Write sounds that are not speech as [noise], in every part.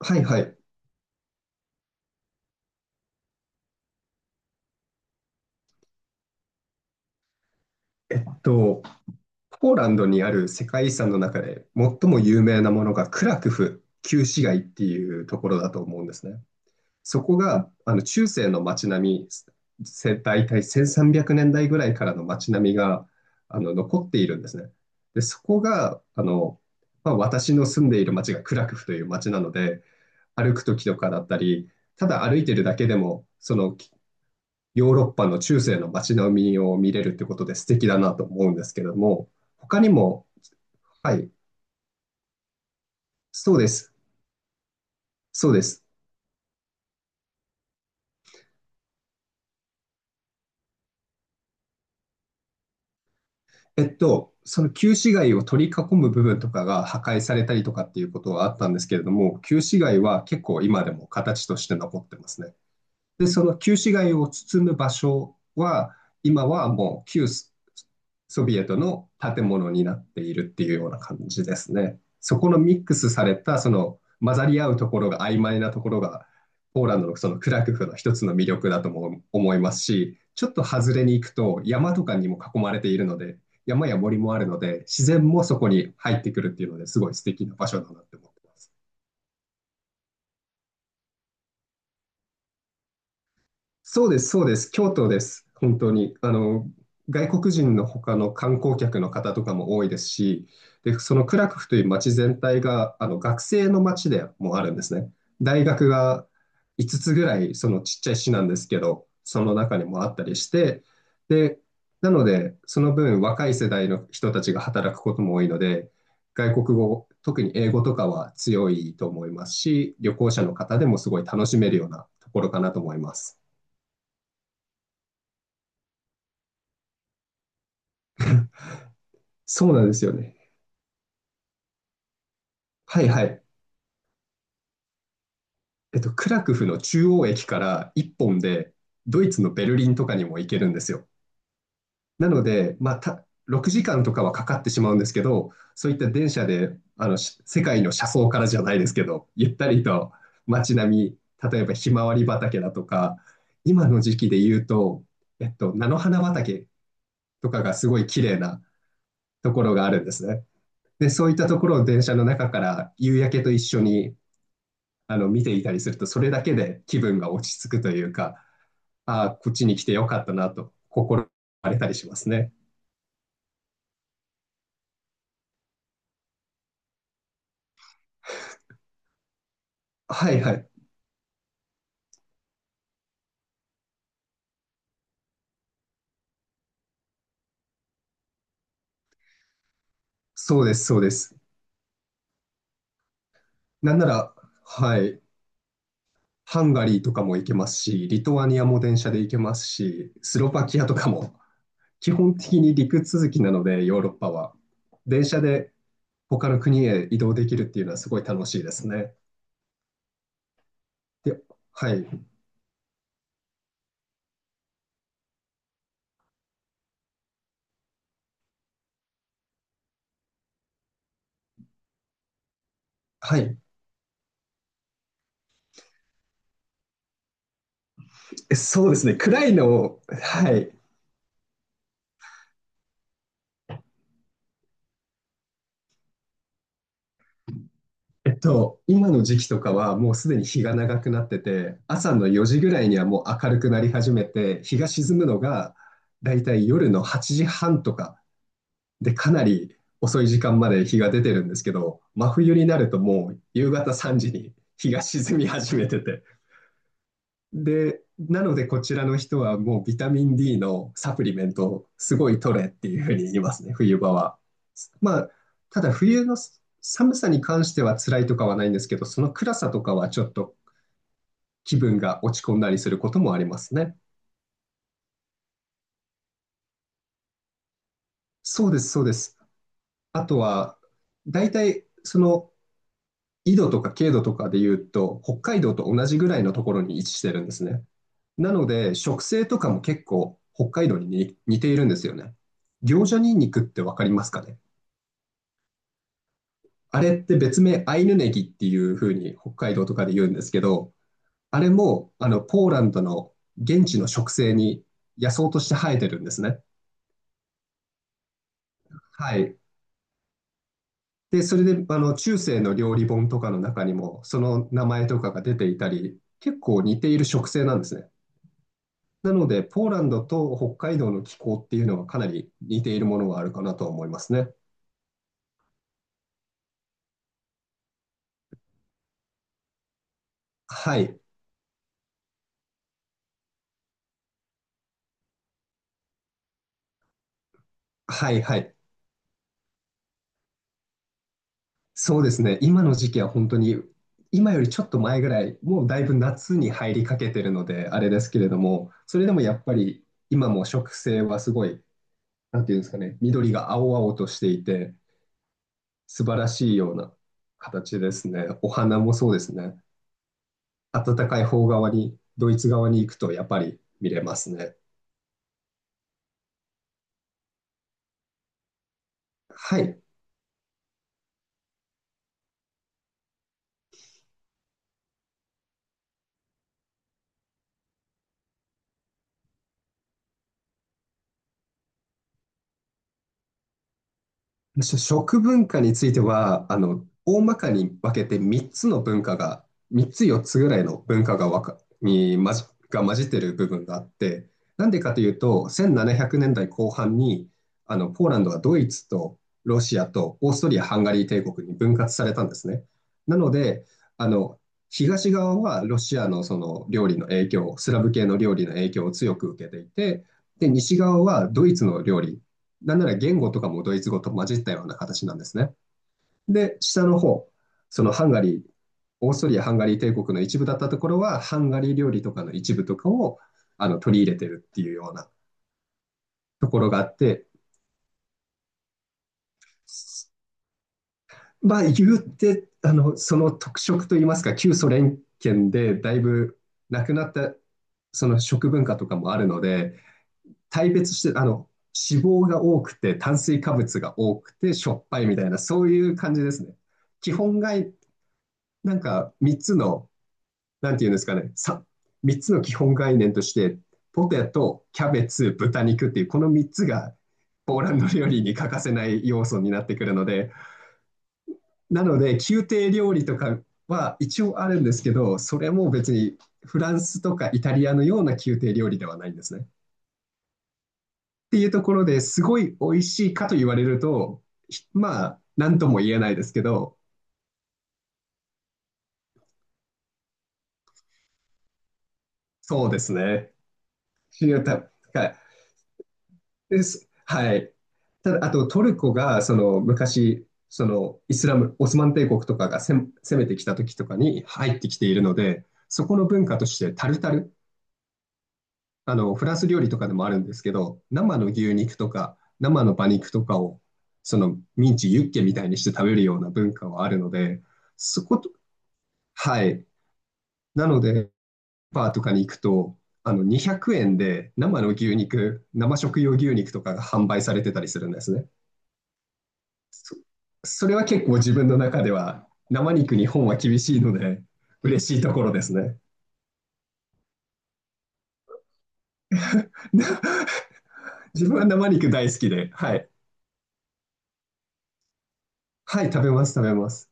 はいはい。えっと、ポーランドにある世界遺産の中で最も有名なものがクラクフ旧市街っていうところだと思うんですね。そこが中世の街並み、大体1300年代ぐらいからの街並みが残っているんですね。で、そこがまあ、私の住んでいる街がクラクフという街なので、歩く時とかだったり、ただ歩いてるだけでも、そのヨーロッパの中世の街並みを見れるってことで素敵だなと思うんですけども、他にも、はい、そうです、そうです。その旧市街を取り囲む部分とかが破壊されたりとかっていうことはあったんですけれども、旧市街は結構今でも形として残ってますね。で、その旧市街を包む場所は、今はもう旧ソビエトの建物になっているっていうような感じですね。そこのミックスされた、その混ざり合うところが曖昧なところが、ポーランドのそのクラクフの一つの魅力だとも思いますし、ちょっと外れに行くと山とかにも囲まれているので、山や森もあるので、自然もそこに入ってくるっていうのですごい素敵な場所だなって思ってます。そうです、そうです。京都です。本当に。外国人の他の観光客の方とかも多いですし、で、そのクラクフという街全体が、学生の街でもあるんですね。大学が5つぐらい、そのちっちゃい市なんですけど、その中にもあったりして、で、なので、その分若い世代の人たちが働くことも多いので、外国語、特に英語とかは強いと思いますし、旅行者の方でもすごい楽しめるようなところかなと思います。そうなんですよね。はいはい。クラクフの中央駅から1本で、ドイツのベルリンとかにも行けるんですよ。なので、まあ、6時間とかはかかってしまうんですけど、そういった電車で、世界の車窓からじゃないですけど、ゆったりと街並み、例えばひまわり畑だとか、今の時期で言うと、菜の花畑とかがすごい綺麗なところがあるんですね。で、そういったところを電車の中から夕焼けと一緒に見ていたりすると、それだけで気分が落ち着くというか、ああ、こっちに来てよかったなと心がれたりしますね。はいはい。そうです、そうです。なんなら、はい。ハンガリーとかも行けますし、リトアニアも電車で行けますし、スロバキアとかも、基本的に陸続きなので、ヨーロッパは。電車で他の国へ移動できるっていうのはすごい楽しいですね。で、はい。はい。そうですね。暗いのを、はい。今の時期とかはもうすでに日が長くなってて、朝の4時ぐらいにはもう明るくなり始めて、日が沈むのがだいたい夜の8時半とかでかなり遅い時間まで日が出てるんですけど、真冬になるともう夕方3時に日が沈み始めてて、で、なのでこちらの人はもうビタミンD のサプリメントをすごい取れっていうふうに言いますね、冬場は。まあ、ただ冬の寒さに関しては辛いとかはないんですけど、その暗さとかはちょっと気分が落ち込んだりすることもありますね。そうです、そうです。あとは、大体その緯度とか経度とかで言うと、北海道と同じぐらいのところに位置してるんですね。なので、食性とかも結構北海道に似ているんですよね。行者ニンニクってわかりますかね？あれって別名アイヌネギっていう風に北海道とかで言うんですけど、あれもポーランドの現地の植生に野草として生えてるんですね。はい。で、それで中世の料理本とかの中にもその名前とかが出ていたり、結構似ている植生なんですね。なので、ポーランドと北海道の気候っていうのはかなり似ているものがあるかなと思いますね。はい。はいはい。そうですね。今の時期は本当に、今よりちょっと前ぐらい、もうだいぶ夏に入りかけてるので、あれですけれども、それでもやっぱり今も植生はすごい、なんていうんですかね、緑が青々としていて、素晴らしいような形ですね。お花もそうですね。暖かい方側に、ドイツ側に行くとやっぱり見れますね。はい。食文化については、大まかに分けて3つの文化が、3つ4つぐらいの文化がわか、に混じ、が混じってる部分があって、なんでかというと、1700年代後半に、ポーランドはドイツとロシアとオーストリア・ハンガリー帝国に分割されたんですね。なので、あの、東側はロシアのその料理の影響、スラブ系の料理の影響を強く受けていて、で、西側はドイツの料理、なんなら言語とかもドイツ語と混じったような形なんですね。で、下の方、そのハンガリー、オーストリア・ハンガリー帝国の一部だったところは、ハンガリー料理とかの一部とかを取り入れてるっていうようなところがあって、まあ、言ってその特色といいますか、旧ソ連圏でだいぶなくなったその食文化とかもあるので、大別して、脂肪が多くて、炭水化物が多くて、しょっぱいみたいな、そういう感じですね。基本がなんか3つの、なんていうんですかね、3つの基本概念として、ポテト、キャベツ、豚肉っていう、この3つがポーランド料理に欠かせない要素になってくるので、なので、宮廷料理とかは一応あるんですけど、それも別にフランスとかイタリアのような宮廷料理ではないんですね。っていうところですごい美味しいかと言われると、まあ、なんとも言えないですけど、そうですね。です。はい。ただ、あとトルコがその昔、そのイスラム、オスマン帝国とかが攻めてきた時とかに入ってきているので、そこの文化としてタルタル、あのフランス料理とかでもあるんですけど、生の牛肉とか生の馬肉とかをそのミンチ、ユッケみたいにして食べるような文化はあるので、そこと、はい。なので、バーとかに行くと、200円で生の牛肉、生食用牛肉とかが販売されてたりするんですね。そそれは結構自分の中では生肉日本は厳しいので嬉しいところですね。[laughs] 自分は生肉大好きで、はい。はい、食べます、食べます。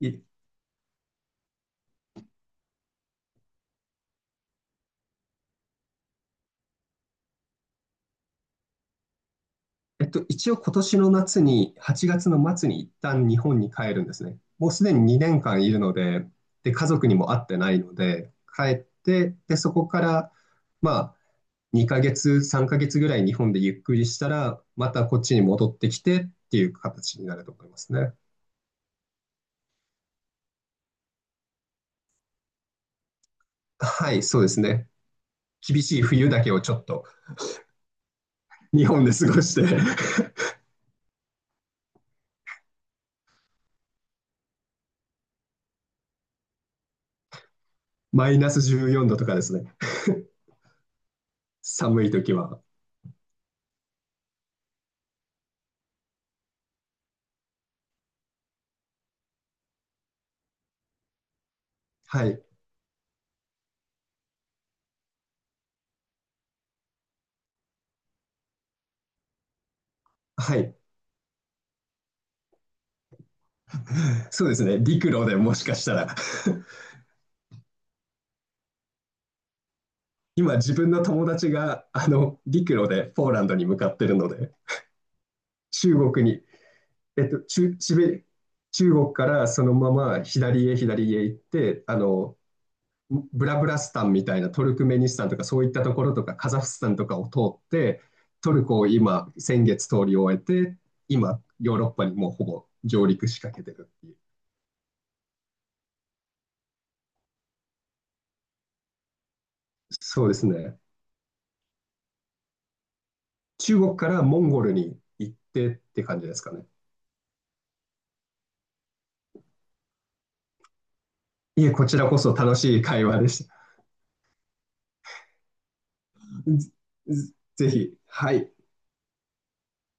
いえっと、一応今年の夏に、8月の末に一旦日本に帰るんですね。もうすでに2年間いるので、で、家族にも会ってないので、帰って、で、そこから、まあ、2ヶ月、3ヶ月ぐらい日本でゆっくりしたら、またこっちに戻ってきてっていう形になると思いますね。はい、そうですね。厳しい冬だけをちょっと日本で過ごして。 [laughs] マイナス14度とかですね。寒い時は。はい。はい。そうですね。陸路でもしかしたら。 [laughs] 今自分の友達が陸路でポーランドに向かってるので、中国に、えっと、中、シベ中国からそのまま左へ左へ行って、ブラブラスタンみたいなトルクメニスタンとかそういったところとかカザフスタンとかを通ってトルコを今先月通り終えて今ヨーロッパにもうほぼ上陸しかけてるっていう。そうですね。中国からモンゴルに行ってって感じですかね？いえ、こちらこそ楽しい会話でした。ぜぜひ。はい。